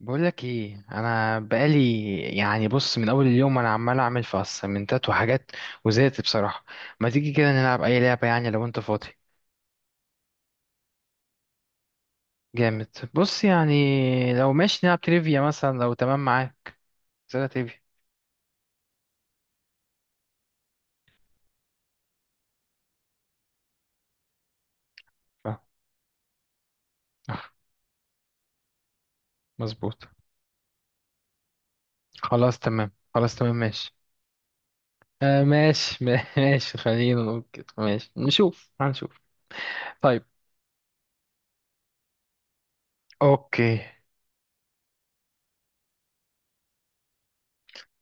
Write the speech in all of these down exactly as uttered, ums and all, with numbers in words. بقولك ايه، انا بقالي يعني، بص، من اول اليوم انا عمال اعمل في اسايمنتات وحاجات، وزهقت بصراحه. ما تيجي كده نلعب اي لعبه يعني لو انت فاضي. جامد، بص يعني. لو ماشي نلعب تريفيا مثلا لو تمام معاك. اسئله تريفيا. آه، آه، مظبوط. خلاص تمام، خلاص تمام، ماشي. آه ماشي ماشي خلينا نقول كده، ماشي نشوف، هنشوف. طيب. اوكي.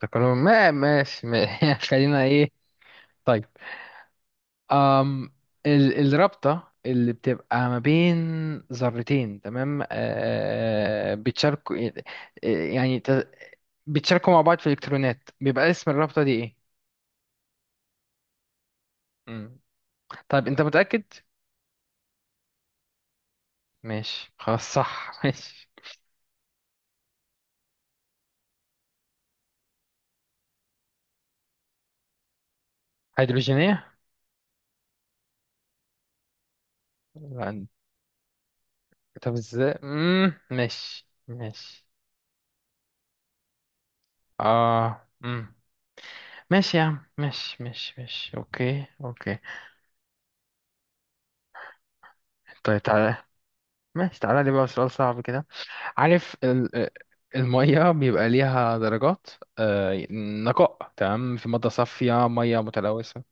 تكلم، ما ماشي ما خلينا ايه. طيب. أم ال- الرابطة اللي بتبقى ما بين ذرتين، تمام، آه، بتشاركوا، آه، يعني ت- بتشاركوا مع بعض في الإلكترونات، بيبقى اسم الرابطة دي إيه؟ مم. طيب، أنت متأكد؟ ماشي خلاص، صح ماشي. هيدروجينية؟ لا. طب ازاي؟ مم، ماشي ماشي. اه مم. ماشي يا عم، ماشي ماشي ماشي، اوكي اوكي. طيب تعالى. ماشي تعالى لي بقى سؤال صعب كده. عارف ال- المية بيبقى ليها درجات آه، نقاء، تمام، في مادة صافية، مية متلوثة.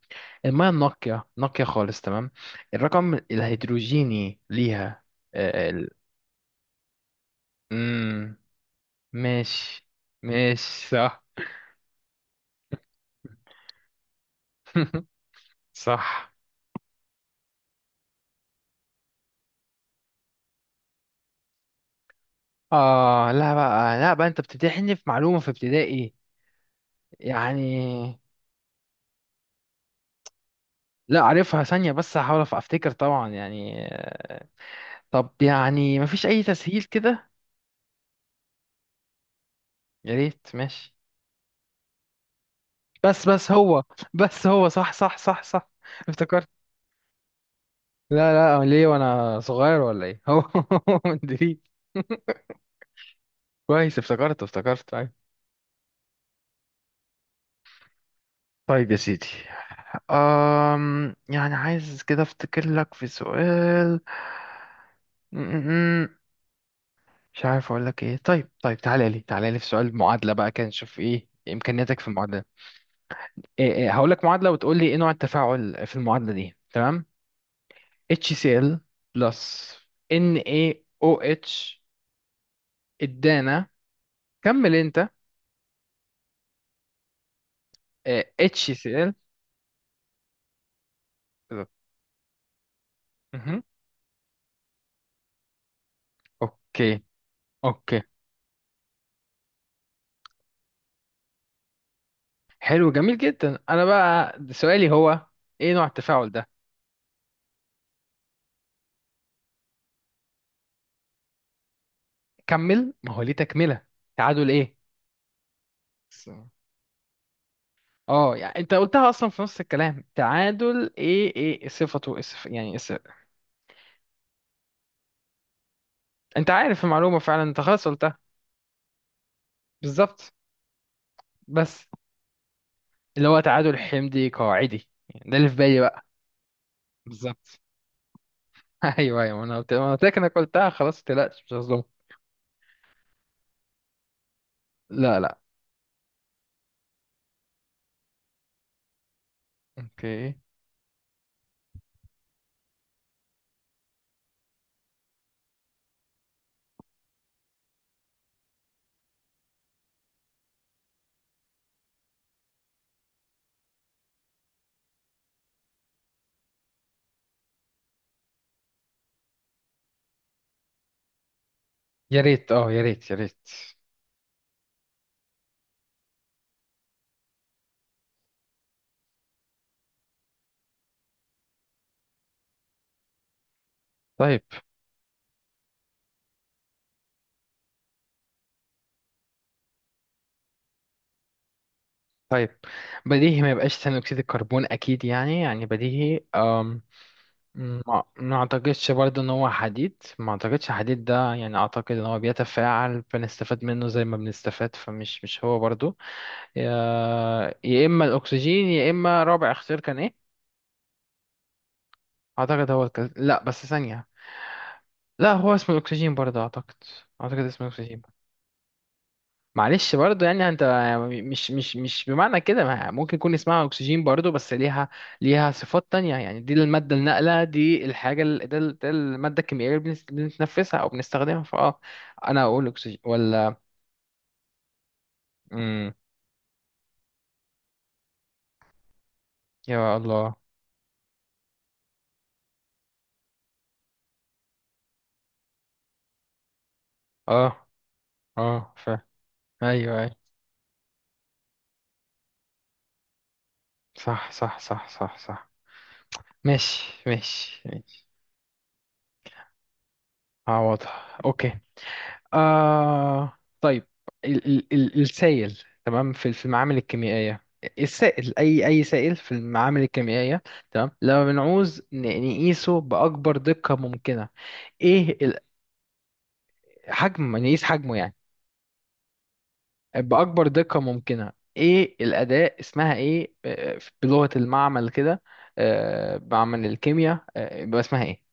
المية النقية، نقية خالص، تمام. الرقم الهيدروجيني ليها آه، ال... مم، ماشي. ماشي، صح صح. اه لا بقى، لا بقى، انت بتمتحني في معلومة في ابتدائي يعني. لا عارفها ثانية، بس هحاول افتكر طبعا يعني. طب يعني مفيش أي تسهيل كده؟ يا ريت، ماشي. بس بس هو، بس هو صح صح صح صح. افتكرت. لا لا، أه، ليه وأنا صغير ولا إيه؟ هو مدريد. كويس، افتكرت افتكرت، أيوة. طيب يا سيدي. أم يعني عايز كده افتكر لك في سؤال. م- م- م. مش عارف اقول لك ايه. طيب طيب، تعالى لي، تعالى لي في سؤال معادلة بقى، كان نشوف ايه امكانياتك في المعادلة. إيه إيه هقول لك معادلة وتقول لي ايه نوع التفاعل في المعادلة دي، تمام. HCl بلس NaOH. ادانا. كمل انت. آه، HCl. بالظبط. مهم. اوكي. اوكي. حلو، جميل جدا. انا بقى سؤالي هو ايه نوع التفاعل ده. كمل، ما هو ليه تكملة. تعادل ايه؟ س- اه يعني انت قلتها اصلا في نص الكلام. تعادل ايه، ايه صفته، اسف يعني، اسف. انت عارف المعلومة فعلا، انت خلاص قلتها. بالظبط. بس اللي هو تعادل حمضي قاعدي، يعني ده اللي في بالي بقى. بالظبط. ايوه ايوه، انا قلت انا قلت لك، انا قلتها خلاص، ما تقلقش، مش هظلمك. لا لا. اوكي. يا ريت، اه يا ريت يا ريت. طيب. طيب بديهي ما يبقاش ثاني اكسيد الكربون اكيد يعني، يعني بديهي، أم ما ما اعتقدش برضه ان هو حديد، ما اعتقدش حديد ده يعني، اعتقد ان هو بيتفاعل، بنستفاد منه زي ما بنستفاد، فمش مش هو برضه. يا يا اما الاكسجين، يا اما رابع اختيار كان ايه. اعتقد هو الك... لا بس ثانية. لا هو اسمه الاكسجين برضه اعتقد. اعتقد اسمه الاكسجين. معلش برضه يعني. انت مش مش مش بمعنى كده، ما ممكن يكون اسمها اكسجين برضه، بس ليها ليها صفات تانية يعني، دي المادة الناقلة، دي الحاجة ال- ده ال- ده المادة الكيميائية اللي بنس- بنتنفسها او بنستخدمها، فاه، انا اقول اكسجين ولا؟ امم يا الله. اه اه، ف، ايوه ايوه، صح صح صح صح صح. ماشي ماشي ماشي. اه واضح، اوكي. آه طيب. ال ال ال السائل، تمام، في في المعامل الكيميائية. السائل، أي أي سائل في المعامل الكيميائية، تمام، لما بنعوز ن- نقيسه بأكبر دقة ممكنة. إيه ال- حجم، نقيس حجمه يعني، بأكبر دقة ممكنة. إيه الأداة، اسمها إيه آه، بلغة المعمل كده، آه، معمل الكيمياء، آه، يبقى اسمها إيه؟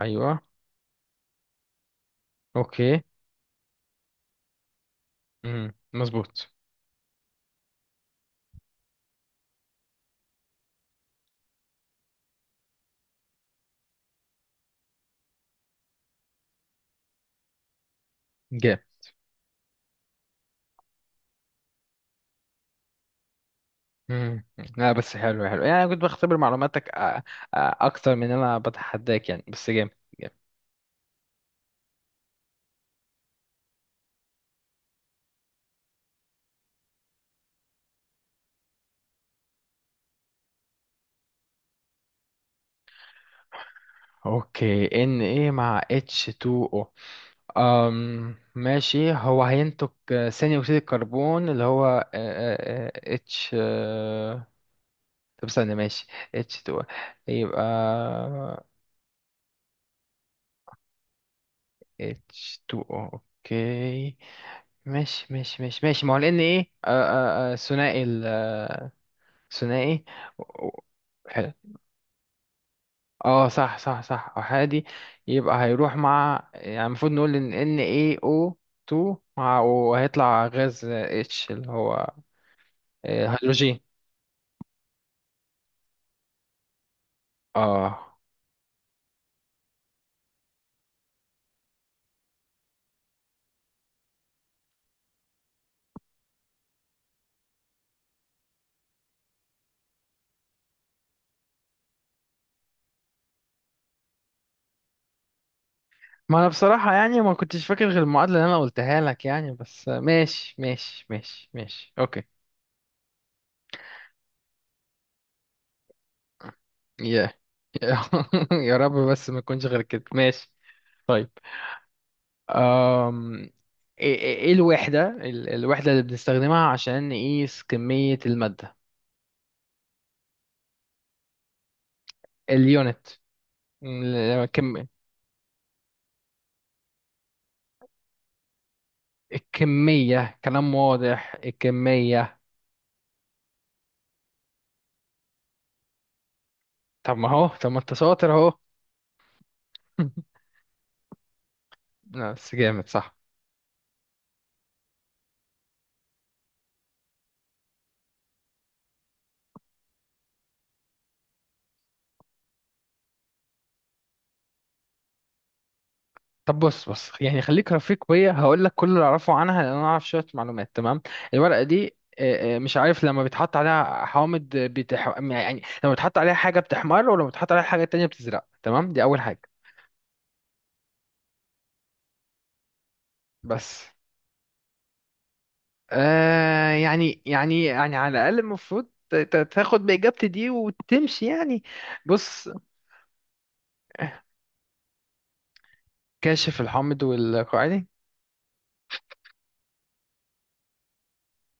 أيوه. أوكي. مم، مظبوط. مم. لا بس حلو، حلو يعني، أنا كنت بختبر معلوماتك أ- أ- اكتر من ان انا بتحداك يعني، بس جامد، جامد. اوكي. ان ايه مع اتش اتنين او؟ أم ماشي، هو هينتج آه، ثاني اكسيد الكربون اللي هو آه، آه، آه، اتش آه، طب استنى، ماشي، اتش اتنين او، يبقى اتش اتنين او. اوكي. ماشي ماشي ماشي ماشي، ما هو لان ايه آه، آه، آه، ثنائي ال- آه، ثنائي. اه صح صح صح، احادي. يبقى هيروح مع يعني، المفروض نقول ان ان اي او اتنين مع، وهيطلع غاز اتش اللي هو آه، هيدروجين. اه، ما انا بصراحة يعني ما كنتش فاكر غير المعادلة اللي انا قلتها لك يعني، بس آه، ماشي ماشي ماشي ماشي، اوكي. يا يا رب بس ما يكونش غير كده، ماشي. طيب. أم... ايه إيه- إيه الوحدة ال- الوحدة اللي بنستخدمها عشان نقيس كمية المادة؟ اليونت. م- كم... الكمية، كلام واضح، الكمية. طب ما هو، طب ما انت شاطر اهو. لا بس جامد، صح. طب بص، بص يعني، خليك رفيق بيا، هقول لك كل اللي اعرفه عنها، لان انا اعرف شويه معلومات، تمام. الورقه دي آه، آه، مش عارف، لما بيتحط عليها حوامض بتح... يعني لما بيتحط عليها حاجه بتحمر، ولما بيتحط عليها حاجه تانية بتزرق، تمام، دي اول حاجه. بس آه يعني، يعني يعني على الاقل المفروض ت- ت- تاخد باجابتي دي وتمشي يعني. بص، كاشف الحامض والقاعدي.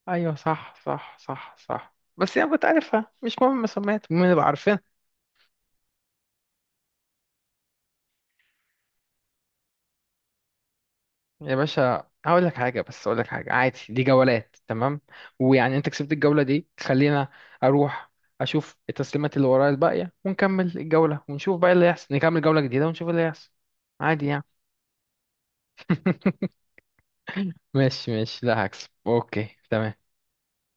ايوه صح صح صح صح، بس يعني كنت عارفها، مش مهم سميت، المهم نبقى عارفينها. يا باشا هقول لك حاجه، بس اقول لك حاجه، عادي، دي جولات، تمام. ويعني انت كسبت الجوله دي، خلينا اروح اشوف التسليمات اللي ورايا الباقيه ونكمل الجوله ونشوف بقى اللي يحصل، نكمل جوله جديده ونشوف اللي يحصل. عادي يعني. ماشي ماشي، لا هكسب، اوكي تمام.